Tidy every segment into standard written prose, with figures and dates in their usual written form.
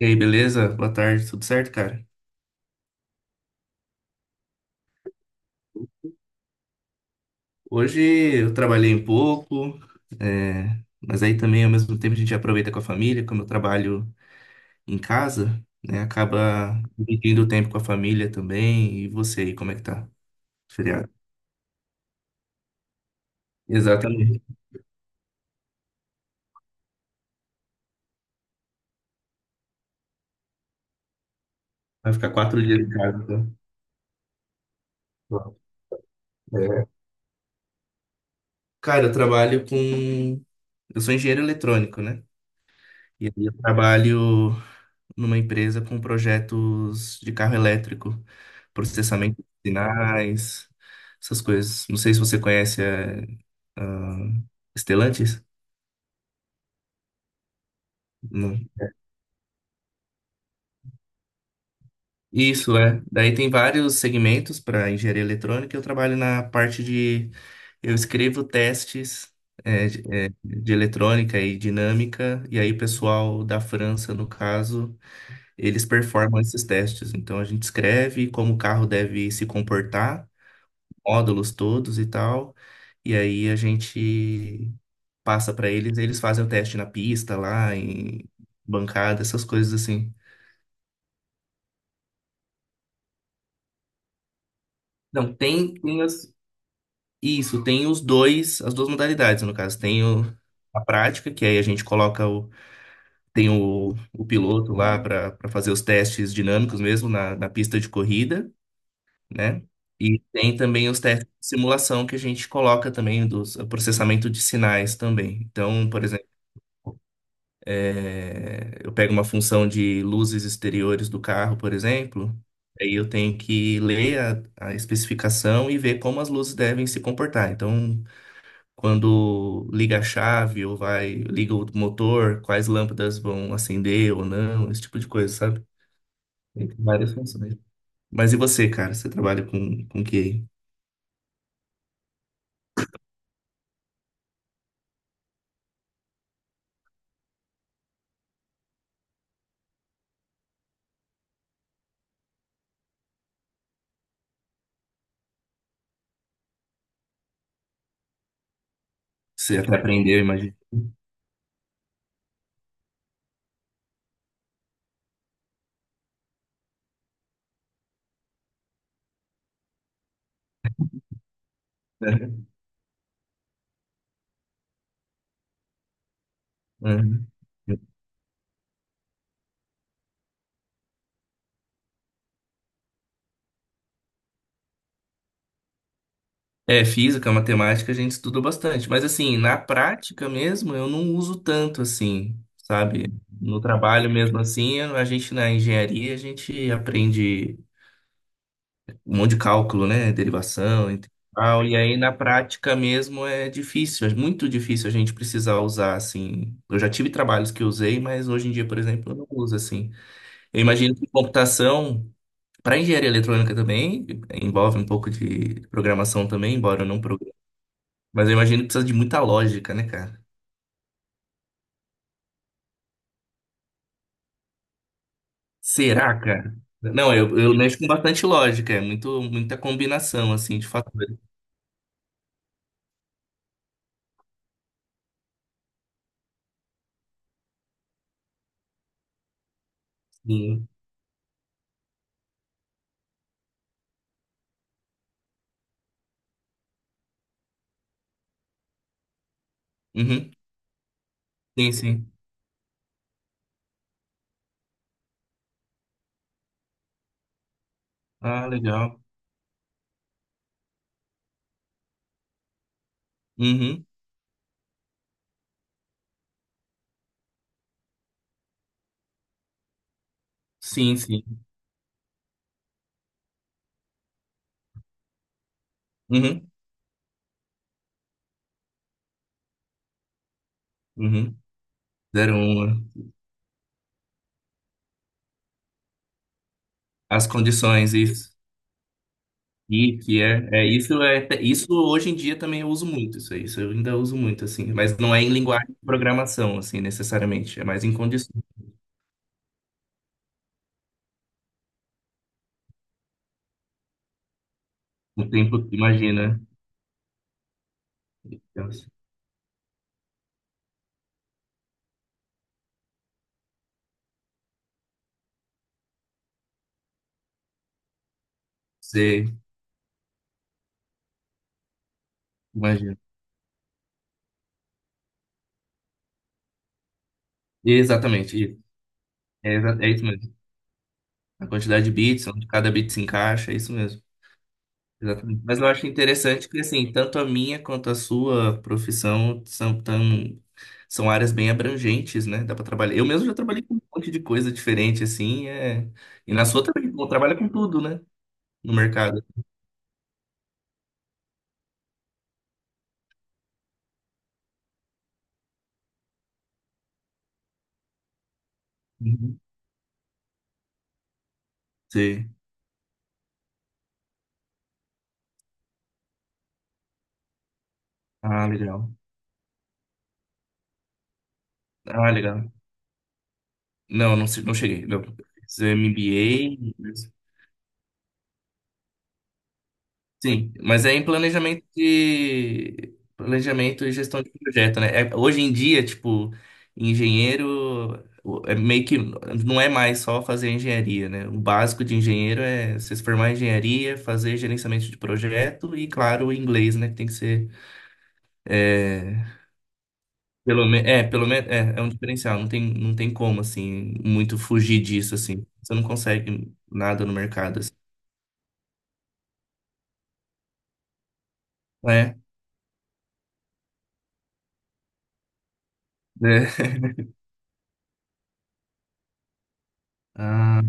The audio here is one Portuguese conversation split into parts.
E aí, beleza? Boa tarde, tudo certo, cara? Hoje eu trabalhei um pouco, mas aí também ao mesmo tempo a gente aproveita com a família, como eu trabalho em casa, né? Acaba dividindo o tempo com a família também. E você aí, como é que tá? Feriado. Exatamente. Vai ficar 4 dias em casa, então. É. Cara, eu trabalho com. Eu sou engenheiro eletrônico, né? E aí eu trabalho numa empresa com projetos de carro elétrico, processamento de sinais, essas coisas. Não sei se você conhece ah, Stellantis? Não. Isso, é. Daí tem vários segmentos para engenharia eletrônica. Eu trabalho na parte de. Eu escrevo testes de eletrônica e dinâmica, e aí o pessoal da França, no caso, eles performam esses testes. Então a gente escreve como o carro deve se comportar. Módulos todos e tal. E aí a gente passa para eles, eles fazem o teste na pista lá, em bancada, essas coisas assim. Não, tem as- isso, tem os dois, as duas modalidades, no caso. Tem o- a prática, que aí a gente coloca o, tem o piloto lá para fazer os testes dinâmicos mesmo na pista de corrida, né? E tem também os testes de simulação que a gente coloca também, dos o processamento de sinais também. Então, por exemplo, é, eu pego uma função de luzes exteriores do carro, por exemplo, aí eu tenho que ler a especificação e ver como as luzes devem se comportar. Então, quando liga a chave ou vai, liga o motor, quais lâmpadas vão acender ou não, esse tipo de coisa, sabe? Tem várias funções. Mas e você, cara? Você trabalha com o que? Aí? Você até aprendeu, imagina. Uhum. É, física, matemática, a gente estuda bastante, mas assim, na prática mesmo, eu não uso tanto assim, sabe? No trabalho mesmo assim, a gente na engenharia, a gente aprende um monte de cálculo, né? Derivação, integral, e aí na prática mesmo é difícil, é muito difícil a gente precisar usar assim. Eu já tive trabalhos que usei, mas hoje em dia, por exemplo, eu não uso assim. Eu imagino que computação, para engenharia eletrônica também, envolve um pouco de programação também, embora eu não, mas eu imagino que precisa de muita lógica, né, cara? Será, cara? Não, eu mexo com bastante lógica, é muito, muita combinação, assim, de fatores. Sim, uhum. Sim, sim. Ah, legal. Uhum. Sim, sim. Uhum. Uhum. Zero uma. As condições, isso. E que isso é, isso hoje em dia também eu uso muito, isso aí, isso eu ainda uso muito, assim, mas não é em linguagem de programação, assim, necessariamente, é mais em condições. O tempo, imagina. Você imagina. Exatamente. É isso mesmo. A quantidade de bits, onde cada bit se encaixa, é isso mesmo. Exatamente. Mas eu acho interessante que, assim, tanto a minha quanto a sua profissão são tão, são áreas bem abrangentes, né? Dá para trabalhar. Eu mesmo já trabalhei com um monte de coisa diferente, assim, é... E na sua também, pô, trabalha com tudo, né? No mercado. Uhum. Sim. Ah, legal. Ah, legal. Não, não, se- não cheguei. Não. Fiz MBA, sim, mas é em planejamento e gestão de projeto, né? É- hoje em dia, tipo, engenheiro o- é meio que não é mais só fazer engenharia, né? O básico de engenheiro é você se formar em engenharia, fazer gerenciamento de projeto e, claro, o inglês, né? Que tem que ser é, pelo é um diferencial. Não tem como assim muito fugir disso assim. Você não consegue nada no mercado assim, né? É. Ah,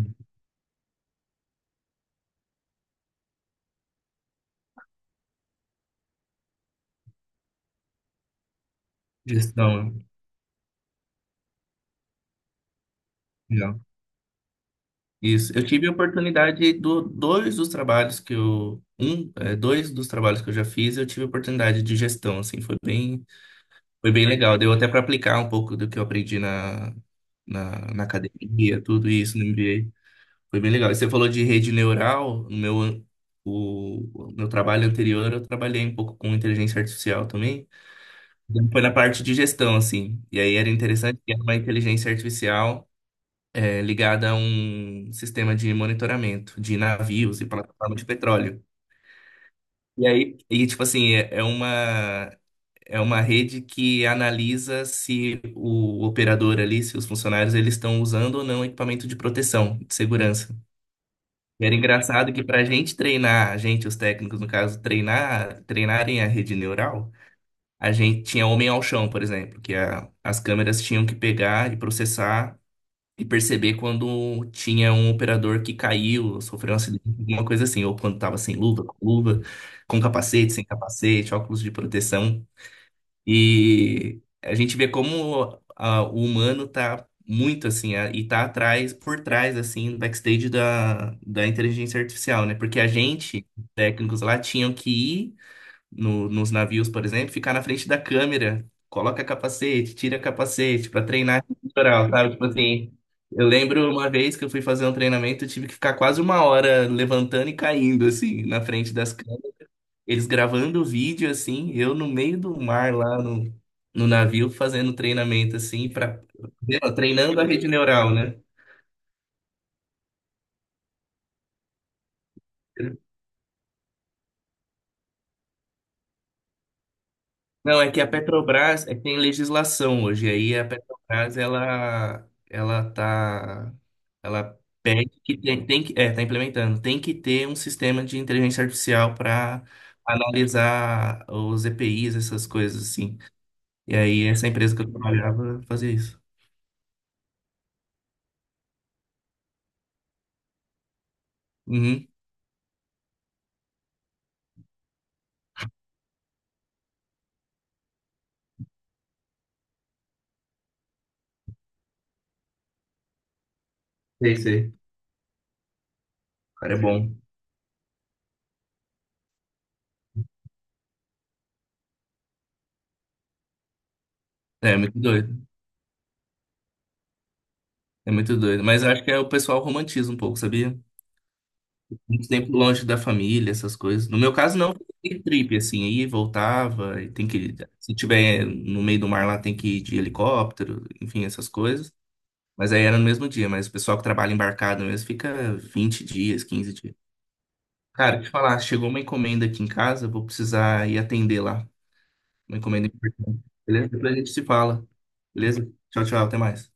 gestão. Isso, eu tive a oportunidade do dois dos trabalhos que eu um, é, dois dos trabalhos que eu já fiz, eu tive a oportunidade de gestão, assim, foi bem legal. Deu até para aplicar um pouco do que eu aprendi na academia, tudo isso no MBA. Foi bem legal. E você falou de rede neural, no meu an- o meu trabalho anterior, eu trabalhei um pouco com inteligência artificial também. Então, foi na parte de gestão, assim. E aí era interessante que era uma inteligência artificial ligada a um sistema de monitoramento de navios e plataforma de petróleo. E aí, e tipo assim, uma é uma rede que analisa se o operador ali, se os funcionários eles estão usando ou não equipamento de proteção, de segurança. E era engraçado que para a gente treinar, a gente, os técnicos no caso, treinarem a rede neural, a gente tinha homem ao chão, por exemplo, que a- as câmeras tinham que pegar e processar e perceber quando tinha um operador que caiu, sofreu um acidente, alguma coisa assim, ou quando estava sem luva, com luva, com capacete, sem capacete, óculos de proteção. E a gente vê como ah, o humano tá muito assim, ah, e tá atrás, por trás, assim, do backstage da inteligência artificial, né? Porque a gente, técnicos lá, tinham que ir no- nos navios, por exemplo, ficar na frente da câmera, coloca capacete, tira capacete para treinar esse litoral, sabe? Tipo assim, eu lembro uma vez que eu fui fazer um treinamento, eu tive que ficar quase uma hora levantando e caindo, assim, na frente das câmeras. Eles gravando o vídeo, assim, eu no meio do mar lá no, no navio fazendo treinamento, assim, para treinando a rede neural, né? Não, é que a Petrobras é que tem legislação hoje, aí a Petrobras ela tá, ela pede que tem, tá implementando, tem que ter um sistema de inteligência artificial para analisar os EPIs, essas coisas assim. E aí essa empresa que eu trabalhava fazia isso. Uhum, sei, sei. O cara é bom. É, é muito doido. É muito doido, mas eu acho que é o pessoal romantiza um pouco, sabia? Muito tempo longe da família, essas coisas. No meu caso, não, tem trip, assim, aí voltava, e tem que, se tiver no meio do mar lá, tem que ir de helicóptero, enfim, essas coisas. Mas aí era no mesmo dia, mas o pessoal que trabalha embarcado mesmo fica 20 dias, 15 dias. Cara, deixa eu falar, chegou uma encomenda aqui em casa, vou precisar ir atender lá. Uma encomenda importante. Beleza? Depois a gente se fala. Beleza? Tchau, tchau, até mais.